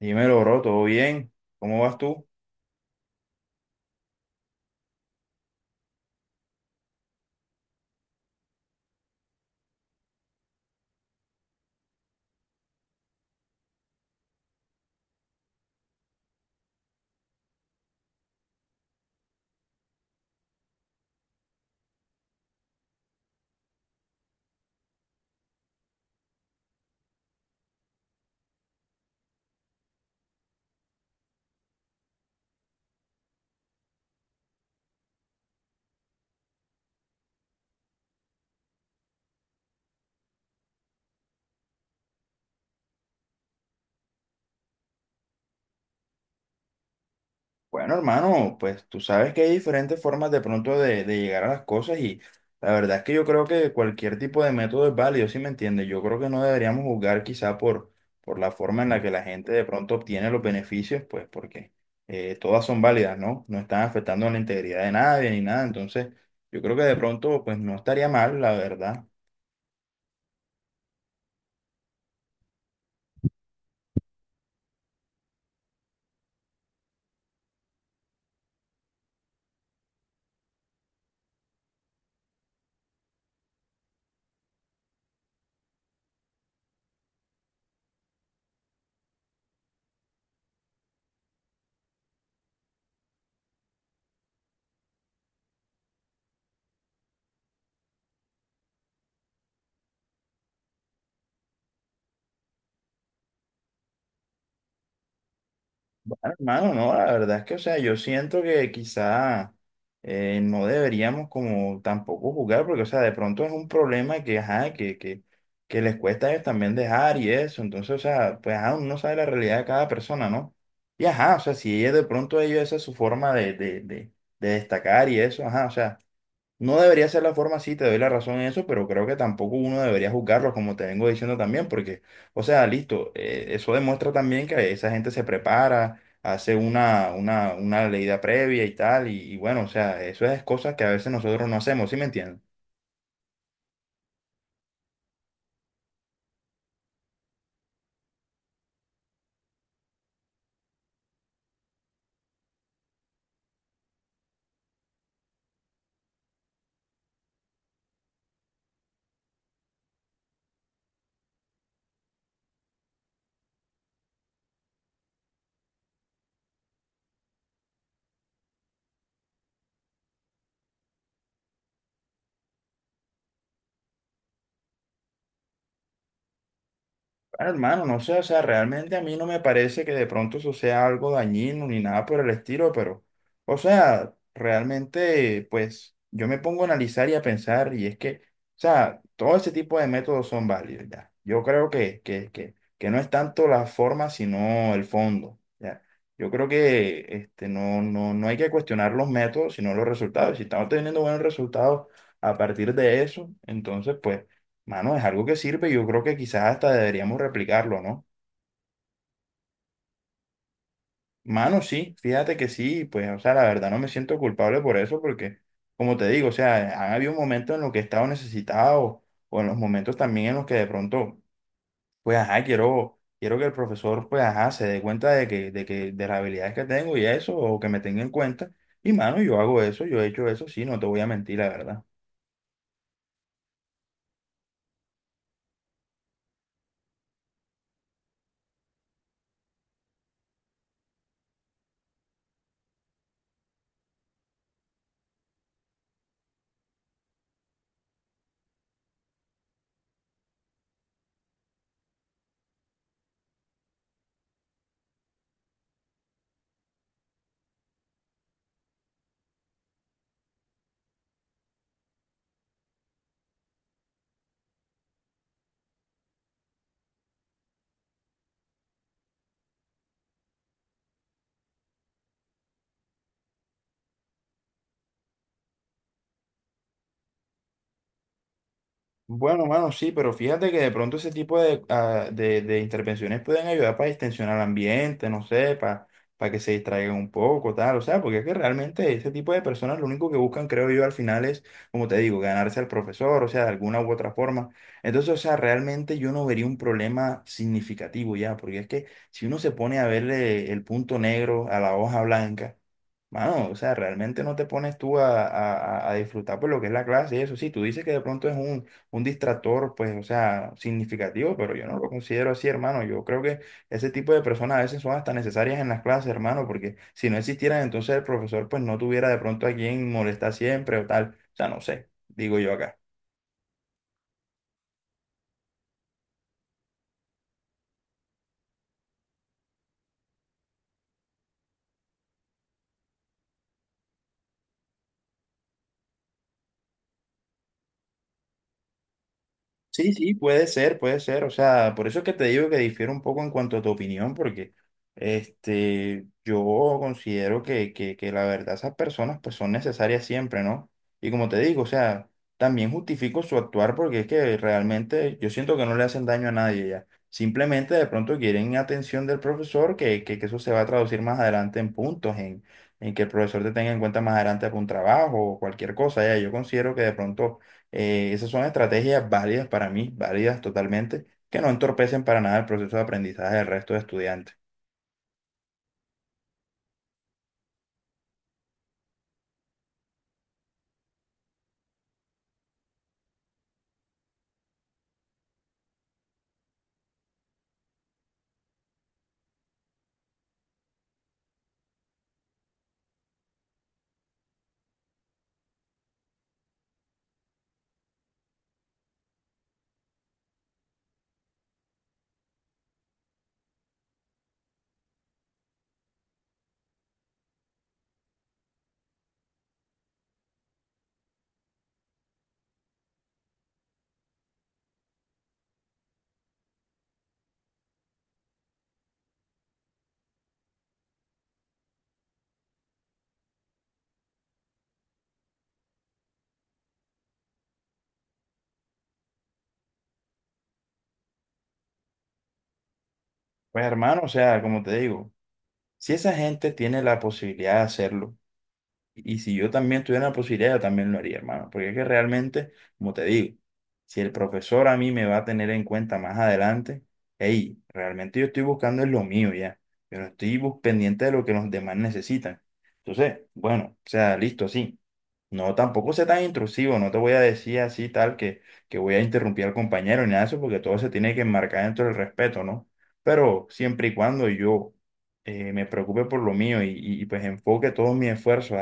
Dímelo, bro, ¿todo bien? ¿Cómo vas tú? Bueno, hermano, pues tú sabes que hay diferentes formas de pronto de llegar a las cosas y la verdad es que yo creo que cualquier tipo de método es válido, ¿si me entiendes? Yo creo que no deberíamos juzgar por la forma en la que la gente de pronto obtiene los beneficios, pues porque todas son válidas, ¿no? No están afectando a la integridad de nadie ni nada, entonces yo creo que de pronto pues no estaría mal, la verdad. Bueno, hermano, no, la verdad es que, o sea, yo siento que quizá no deberíamos como tampoco jugar, porque, o sea, de pronto es un problema que que les cuesta a ellos también dejar y eso, entonces, o sea, pues, ajá, uno no sabe la realidad de cada persona, ¿no? Y, ajá, o sea, si ella de pronto ellos, esa es su forma de destacar y eso, ajá, o sea. No debería ser la forma, sí, te doy la razón en eso, pero creo que tampoco uno debería juzgarlos, como te vengo diciendo también, porque, o sea, listo, eso demuestra también que esa gente se prepara, hace una leída previa y tal, y bueno, o sea, eso es cosas que a veces nosotros no hacemos, ¿sí me entiendes? Ah, hermano, no sé, o sea, realmente a mí no me parece que de pronto eso sea algo dañino ni nada por el estilo, pero, o sea, realmente, pues, yo me pongo a analizar y a pensar, y es que, o sea, todo ese tipo de métodos son válidos, ya. Yo creo que no es tanto la forma, sino el fondo, ya. Yo creo que este, no hay que cuestionar los métodos, sino los resultados. Si estamos teniendo buenos resultados a partir de eso, entonces, pues. Mano, es algo que sirve y yo creo que quizás hasta deberíamos replicarlo, ¿no? Mano, sí, fíjate que sí, pues, o sea, la verdad no me siento culpable por eso porque, como te digo, o sea, han habido momentos en los que he estado necesitado o en los momentos también en los que de pronto, pues, ajá, quiero que el profesor, pues, ajá, se dé cuenta de las habilidades que tengo y eso, o que me tenga en cuenta. Y, mano, yo hago eso, yo he hecho eso, sí, no te voy a mentir, la verdad. Bueno, mano, sí, pero fíjate que de pronto ese tipo de, ah, de intervenciones pueden ayudar para distensionar el ambiente, no sé, para que se distraigan un poco, tal, o sea, porque es que realmente ese tipo de personas lo único que buscan, creo yo, al final es, como te digo, ganarse al profesor, o sea, de alguna u otra forma. Entonces, o sea, realmente yo no vería un problema significativo ya, porque es que si uno se pone a verle el punto negro a la hoja blanca, mano, o sea, realmente no te pones tú a, a disfrutar por lo que es la clase y eso. Sí, tú dices que de pronto es un distractor, pues, o sea, significativo, pero yo no lo considero así, hermano. Yo creo que ese tipo de personas a veces son hasta necesarias en las clases, hermano, porque si no existieran, entonces el profesor, pues, no tuviera de pronto a quien molestar siempre o tal. O sea, no sé, digo yo acá. Sí, sí, puede ser, puede ser. O sea, por eso es que te digo que difiero un poco en cuanto a tu opinión, porque este, yo considero que la verdad esas personas pues son necesarias siempre, ¿no? Y como te digo, o sea, también justifico su actuar porque es que realmente yo siento que no le hacen daño a nadie ya. Simplemente de pronto quieren atención del profesor, que eso se va a traducir más adelante en puntos, en que el profesor te tenga en cuenta más adelante para un trabajo o cualquier cosa. Ya, yo considero que de pronto esas son estrategias válidas para mí, válidas totalmente, que no entorpecen para nada el proceso de aprendizaje del resto de estudiantes. Pues hermano, o sea, como te digo, si esa gente tiene la posibilidad de hacerlo, y si yo también tuviera la posibilidad, yo también lo haría, hermano. Porque es que realmente, como te digo, si el profesor a mí me va a tener en cuenta más adelante, hey, realmente yo estoy buscando es lo mío ya. Yo no estoy bus- pendiente de lo que los demás necesitan. Entonces, bueno, o sea, listo, sí. No, tampoco sea tan intrusivo, no te voy a decir así tal que voy a interrumpir al compañero ni nada de eso, porque todo se tiene que enmarcar dentro del respeto, ¿no? Pero siempre y cuando yo me preocupe por lo mío y, pues enfoque todos mis esfuerzos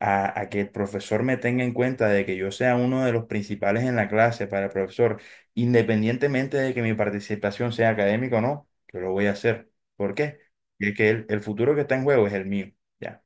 a que el profesor me tenga en cuenta de que yo sea uno de los principales en la clase para el profesor, independientemente de que mi participación sea académica o no, yo lo voy a hacer. ¿Por qué? Porque el futuro que está en juego es el mío. Ya.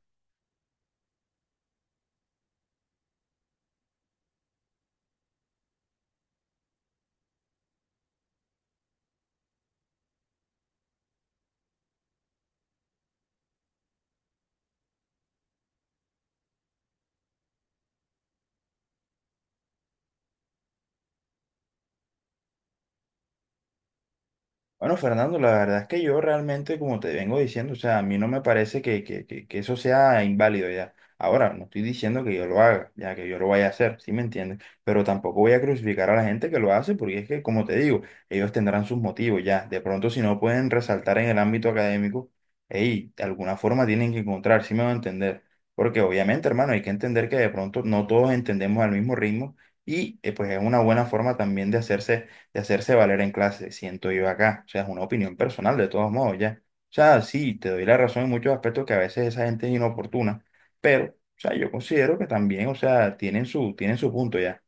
Bueno, Fernando, la verdad es que yo realmente, como te vengo diciendo, o sea, a mí no me parece que eso sea inválido ya. Ahora, no estoy diciendo que yo lo haga, ya que yo lo vaya a hacer, ¿sí me entiendes? Pero tampoco voy a crucificar a la gente que lo hace, porque es que, como te digo, ellos tendrán sus motivos ya. De pronto, si no pueden resaltar en el ámbito académico, hey, de alguna forma tienen que encontrar, ¿sí me va a entender? Porque obviamente, hermano, hay que entender que de pronto no todos entendemos al mismo ritmo y pues es una buena forma también de hacerse valer en clase, siento yo acá. O sea, es una opinión personal de todos modos, ya. O sea, sí, te doy la razón en muchos aspectos que a veces esa gente es inoportuna, pero, o sea, yo considero que también, o sea, tienen su punto ya.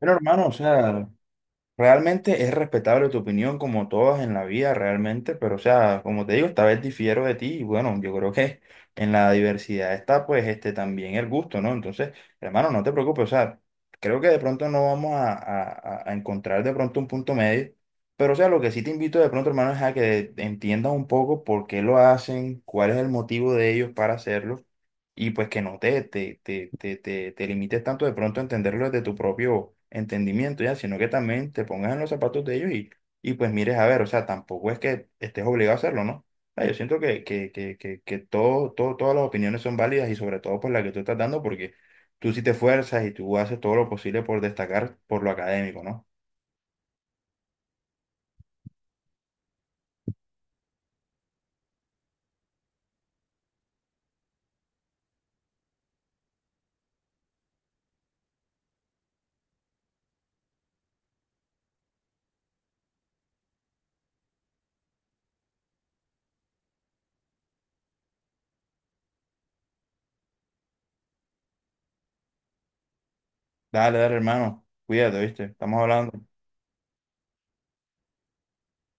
Bueno, hermano, o sea, realmente es respetable tu opinión, como todas en la vida, realmente, pero o sea, como te digo, esta vez difiero de ti y bueno, yo creo que en la diversidad está pues este también el gusto, ¿no? Entonces, hermano, no te preocupes, o sea, creo que de pronto no vamos a, a encontrar de pronto un punto medio, pero o sea, lo que sí te invito de pronto, hermano, es a que entiendas un poco por qué lo hacen, cuál es el motivo de ellos para hacerlo y pues que no te limites tanto de pronto a entenderlo desde tu propio entendimiento, ya, sino que también te pongas en los zapatos de ellos y pues mires a ver, o sea, tampoco es que estés obligado a hacerlo, ¿no? Ah, yo siento que todo, todo, todas las opiniones son válidas y sobre todo por la que tú estás dando, porque tú sí te esfuerzas y tú haces todo lo posible por destacar por lo académico, ¿no? Dale, dale, hermano, cuídate, ¿viste? Estamos hablando.